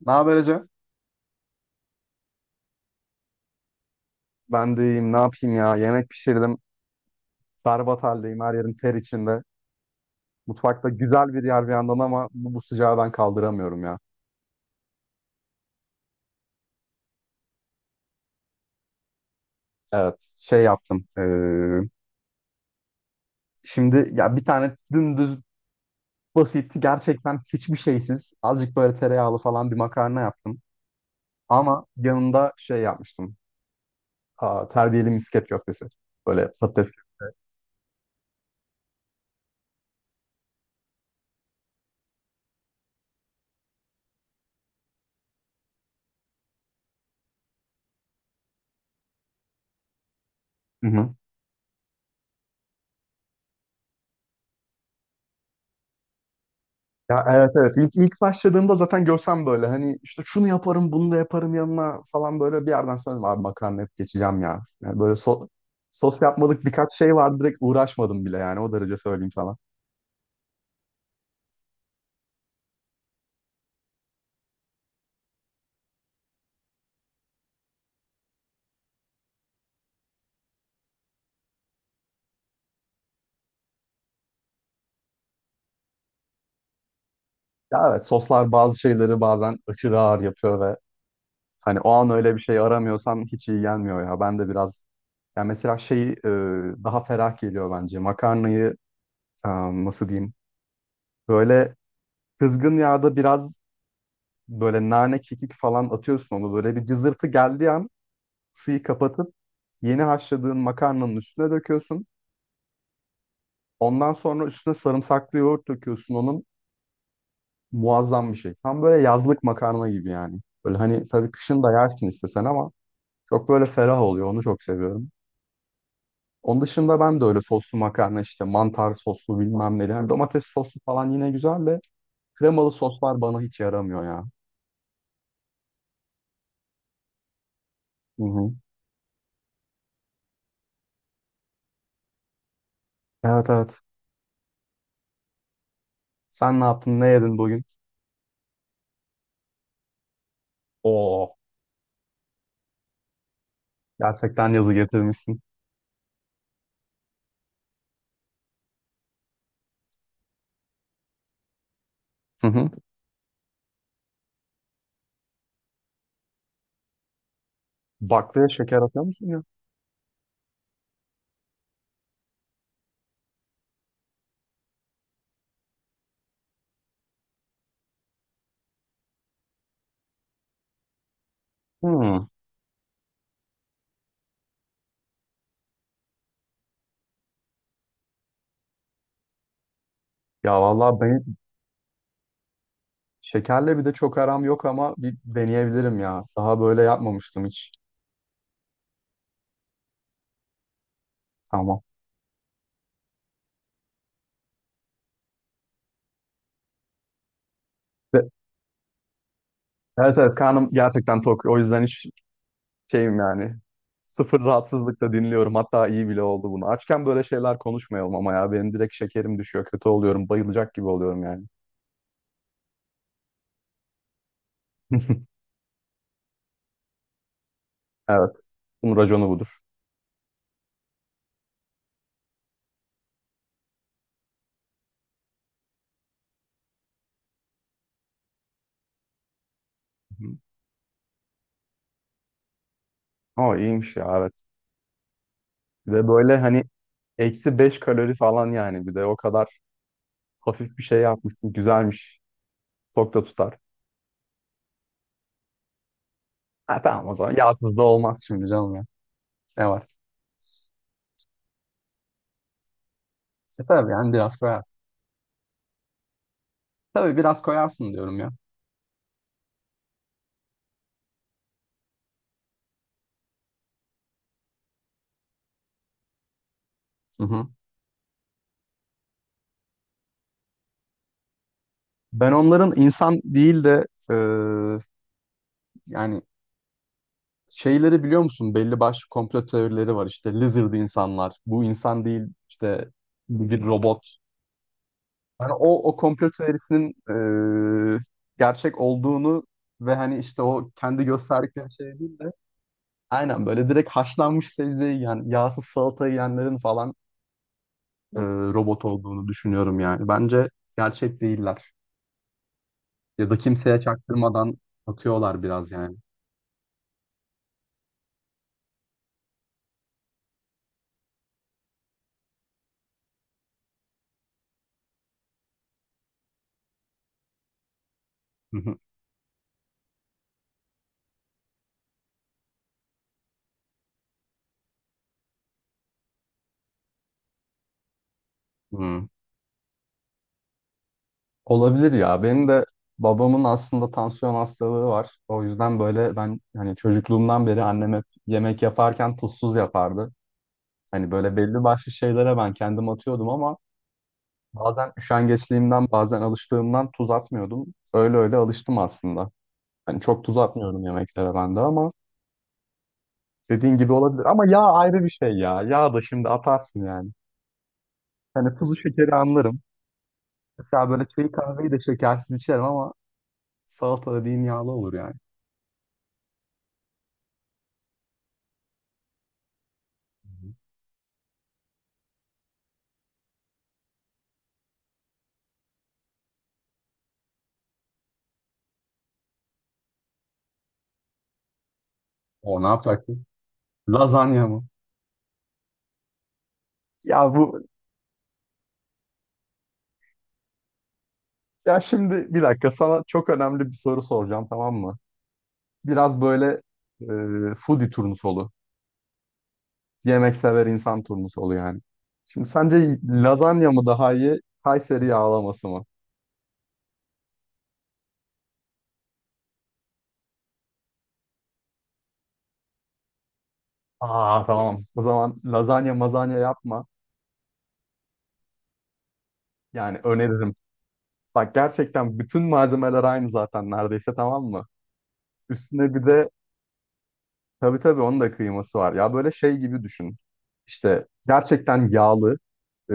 Ne haber Ece? Ben de iyiyim. Ne yapayım ya? Yemek pişirdim. Berbat haldeyim. Her yerim ter içinde. Mutfakta güzel bir yer bir yandan ama bu sıcağı ben kaldıramıyorum ya. Evet. Şey yaptım. Şimdi ya bir tane dümdüz basitti. Gerçekten hiçbir şeysiz. Azıcık böyle tereyağlı falan bir makarna yaptım. Ama yanında şey yapmıştım. Aa, terbiyeli misket köftesi. Böyle patates. Ya, evet, evet, ilk başladığımda zaten görsem böyle hani işte şunu yaparım bunu da yaparım yanına falan, böyle bir yerden sonra dedim, abi makarna hep geçeceğim ya. Yani böyle sos yapmadık, birkaç şey vardı, direkt uğraşmadım bile yani o derece söyleyeyim sana. Ya evet, soslar bazı şeyleri bazen aşırı ağır yapıyor ve hani o an öyle bir şey aramıyorsan hiç iyi gelmiyor ya. Ben de biraz, yani mesela şeyi daha ferah geliyor bence makarnayı e, nasıl diyeyim, böyle kızgın yağda biraz böyle nane kekik falan atıyorsun, onu böyle bir cızırtı geldiği an suyu kapatıp yeni haşladığın makarnanın üstüne döküyorsun. Ondan sonra üstüne sarımsaklı yoğurt döküyorsun, onun muazzam bir şey. Tam böyle yazlık makarna gibi yani. Böyle hani tabii kışın da yersin istesen ama çok böyle ferah oluyor, onu çok seviyorum. Onun dışında ben de öyle soslu makarna, işte mantar soslu bilmem ne. Yani domates soslu falan yine güzel de kremalı soslar bana hiç yaramıyor ya. Hı hı. Evet, evet. Sen ne yaptın? Ne yedin bugün? Oo. Gerçekten yazı getirmişsin. Hı hı. Baklaya şeker atıyor musun ya? Hı. Ya vallahi ben şekerle bir de çok aram yok ama bir deneyebilirim ya. Daha böyle yapmamıştım hiç. Tamam. Ve- Evet, evet, karnım gerçekten tok. O yüzden hiç şeyim yani. Sıfır rahatsızlıkla dinliyorum. Hatta iyi bile oldu bunu. Açken böyle şeyler konuşmayalım ama ya. Benim direkt şekerim düşüyor. Kötü oluyorum. Bayılacak gibi oluyorum yani. Evet. Bunun raconu budur. Hı. Ama iyiymiş ya, evet. Bir de böyle hani -5 kalori falan yani, bir de o kadar hafif bir şey yapmışsın. Güzelmiş. Çok da tutar. Ha, tamam o zaman. Yağsız da olmaz şimdi canım ya. Ne var? E, tabii yani biraz koyarsın. Tabii biraz koyarsın diyorum ya. Hı hı. Ben onların insan değil de yani şeyleri biliyor musun? Belli başlı komplo teorileri var işte. Lizard insanlar. Bu insan değil işte, bu bir robot. Yani o komplo teorisinin e, gerçek olduğunu ve hani işte o kendi gösterdikleri şey değil de, aynen böyle direkt haşlanmış sebzeyi yiyen, yağsız salata yiyenlerin falan e, robot olduğunu düşünüyorum yani. Bence gerçek değiller. Ya da kimseye çaktırmadan atıyorlar biraz yani. Hı hı. Hı. Olabilir ya. Benim de babamın aslında tansiyon hastalığı var. O yüzden böyle ben hani çocukluğumdan beri annem hep yemek yaparken tuzsuz yapardı. Hani böyle belli başlı şeylere ben kendim atıyordum ama bazen üşengeçliğimden bazen alıştığımdan tuz atmıyordum. Öyle öyle alıştım aslında. Hani çok tuz atmıyorum yemeklere ben de ama dediğin gibi olabilir. Ama yağ ayrı bir şey ya. Yağ da şimdi atarsın yani. Hani tuzu şekeri anlarım. Mesela böyle çayı kahveyi de şekersiz içerim ama salata dediğin yağlı olur yani. O ne yapacaktı? Lazanya mı? Ya bu, ya şimdi bir dakika sana çok önemli bir soru soracağım, tamam mı? Biraz böyle foodie turnusolu. Yemek sever insan turnusolu yani. Şimdi sence lazanya mı daha iyi, Kayseri yağlaması mı? Aa, tamam. O zaman lazanya mazanya yapma. Yani öneririm. Bak, gerçekten bütün malzemeler aynı zaten neredeyse, tamam mı? Üstüne bir de, tabii tabii, onun da kıyması var. Ya böyle şey gibi düşün. İşte gerçekten yağlı e,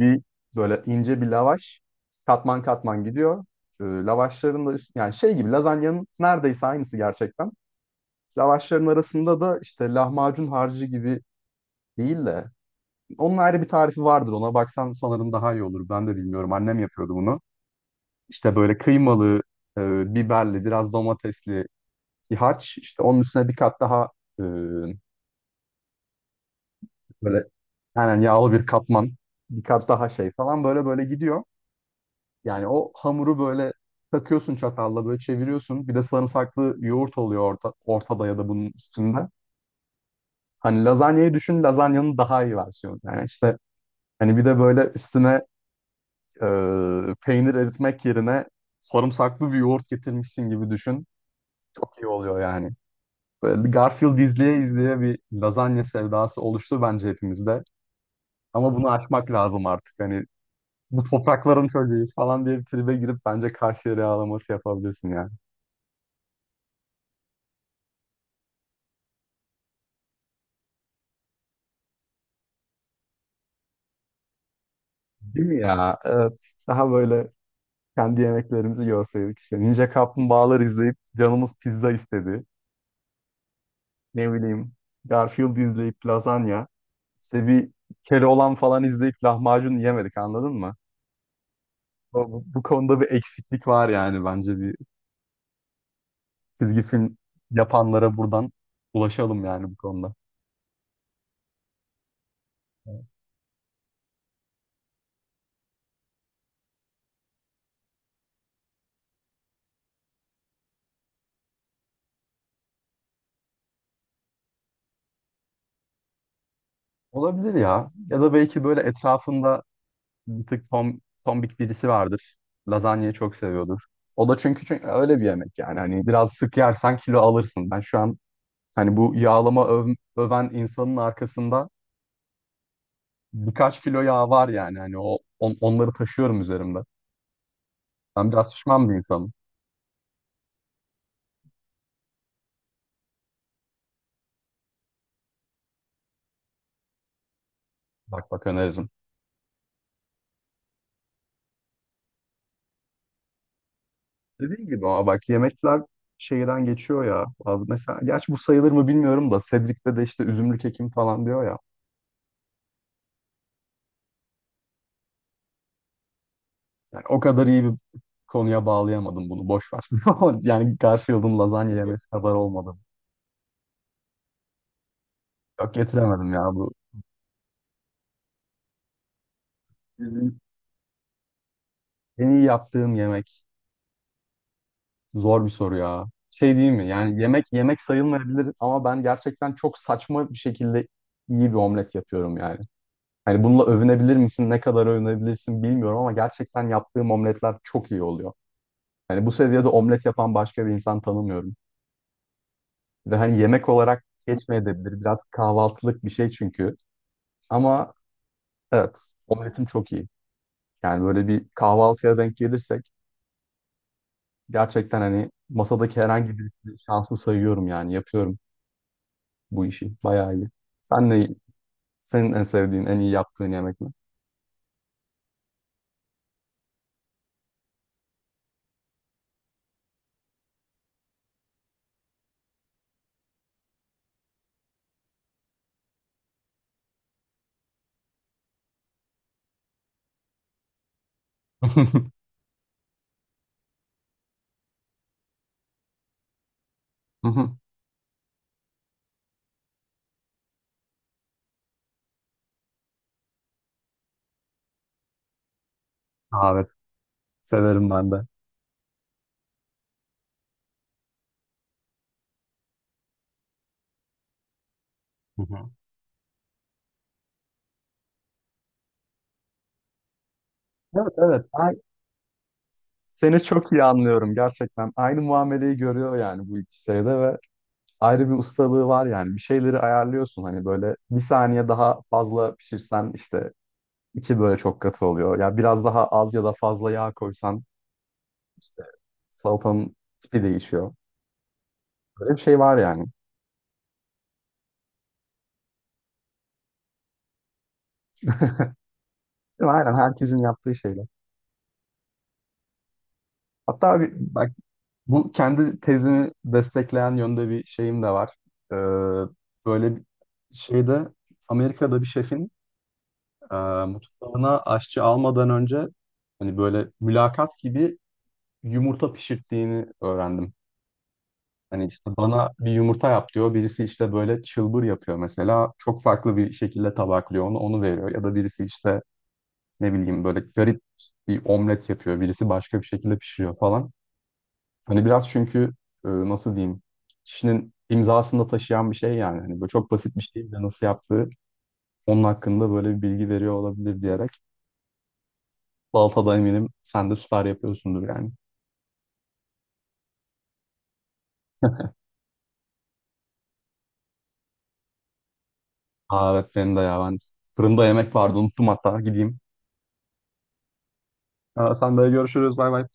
bir, böyle ince bir lavaş, katman katman gidiyor. E, lavaşların da yani şey gibi lazanyanın neredeyse aynısı gerçekten. Lavaşların arasında da işte lahmacun harcı gibi değil de. Onun ayrı bir tarifi vardır. Ona baksan sanırım daha iyi olur. Ben de bilmiyorum. Annem yapıyordu bunu. İşte böyle kıymalı, biberli, biraz domatesli bir harç. İşte onun üstüne bir kat daha e, böyle aynen yağlı bir katman. Bir kat daha şey falan, böyle böyle gidiyor. Yani o hamuru böyle takıyorsun, çatalla böyle çeviriyorsun. Bir de sarımsaklı yoğurt oluyor ortada ya da bunun üstünde. Hani lazanyayı düşün, lazanyanın daha iyi versiyonu. Yani işte hani bir de böyle üstüne, peynir eritmek yerine sarımsaklı bir yoğurt getirmişsin gibi düşün. Çok iyi oluyor yani. Böyle bir Garfield izleye izleye bir lazanya sevdası oluştu bence hepimizde. Ama bunu aşmak lazım artık. Hani bu toprakların çocuğuyuz falan diye bir tribe girip bence Karşıyaka yağlaması yapabilirsin yani. Değil mi ya? Evet. Daha böyle kendi yemeklerimizi görseydik işte. Ninja Kaplumbağalar izleyip canımız pizza istedi. Ne bileyim. Garfield izleyip lazanya. İşte bir Keloğlan falan izleyip lahmacun yiyemedik anladın mı? Bu konuda bir eksiklik var yani, bence bir çizgi film yapanlara buradan ulaşalım yani bu konuda. Evet. Olabilir ya. Ya da belki böyle etrafında bir tık tombik birisi vardır. Lazanyayı çok seviyordur. O da çünkü, öyle bir yemek yani. Hani biraz sık yersen kilo alırsın. Ben şu an, hani bu yağlama öven insanın arkasında birkaç kilo yağ var yani. Hani o onları taşıyorum üzerimde. Ben biraz şişman bir insanım. Bak bak, öneririm. Dediğim gibi ama bak, yemekler şeyden geçiyor ya. Abi mesela, gerçi bu sayılır mı bilmiyorum da, Cedric'te de işte üzümlü kekim falan diyor ya. Yani o kadar iyi bir konuya bağlayamadım bunu. Boş ver. Yani Garfield'ın lazanya yemesi kadar olmadı. Yok, getiremedim ya bu. Bizim. En iyi yaptığım yemek. Zor bir soru ya. Şey değil mi? Yani yemek yemek sayılmayabilir ama ben gerçekten çok saçma bir şekilde iyi bir omlet yapıyorum yani. Hani bununla övünebilir misin? Ne kadar övünebilirsin bilmiyorum ama gerçekten yaptığım omletler çok iyi oluyor. Hani bu seviyede omlet yapan başka bir insan tanımıyorum. Ve hani yemek olarak geçmeyebilir. Biraz kahvaltılık bir şey çünkü. Ama evet, omletim çok iyi. Yani böyle bir kahvaltıya denk gelirsek gerçekten hani masadaki herhangi birisini şanslı sayıyorum yani yapıyorum bu işi. Bayağı iyi. Sen ne, senin en sevdiğin, en iyi yaptığın yemek ne? Evet, severim ben de. Hı hı. Evet, evet. Seni çok iyi anlıyorum gerçekten. Aynı muameleyi görüyor yani bu iki şeyde ve ayrı bir ustalığı var yani. Bir şeyleri ayarlıyorsun hani böyle bir saniye daha fazla pişirsen işte içi böyle çok katı oluyor. Ya biraz daha az ya da fazla yağ koysan işte salatanın tipi değişiyor. Böyle bir şey var yani. Değil mi? Aynen herkesin yaptığı şeyler. Hatta bu kendi tezimi destekleyen yönde bir şeyim de var. Ee, Böyle bir şeyde Amerika'da bir şefin e, mutfağına aşçı almadan önce hani böyle mülakat gibi yumurta pişirttiğini öğrendim. Hani işte bana bir yumurta yap diyor. Birisi işte böyle çılbır yapıyor mesela. Çok farklı bir şekilde tabaklıyor onu veriyor. Ya da birisi işte ne bileyim böyle garip bir omlet yapıyor. Birisi başka bir şekilde pişiriyor falan. Hani biraz çünkü nasıl diyeyim, kişinin imzasını da taşıyan bir şey yani. Hani böyle çok basit bir şey bile nasıl yaptığı onun hakkında böyle bir bilgi veriyor olabilir diyerek. Salatada eminim sen de süper yapıyorsundur yani. Aa, evet benim de ya, ben fırında yemek vardı unuttum hatta gideyim. Aa, sen de görüşürüz, bay bay.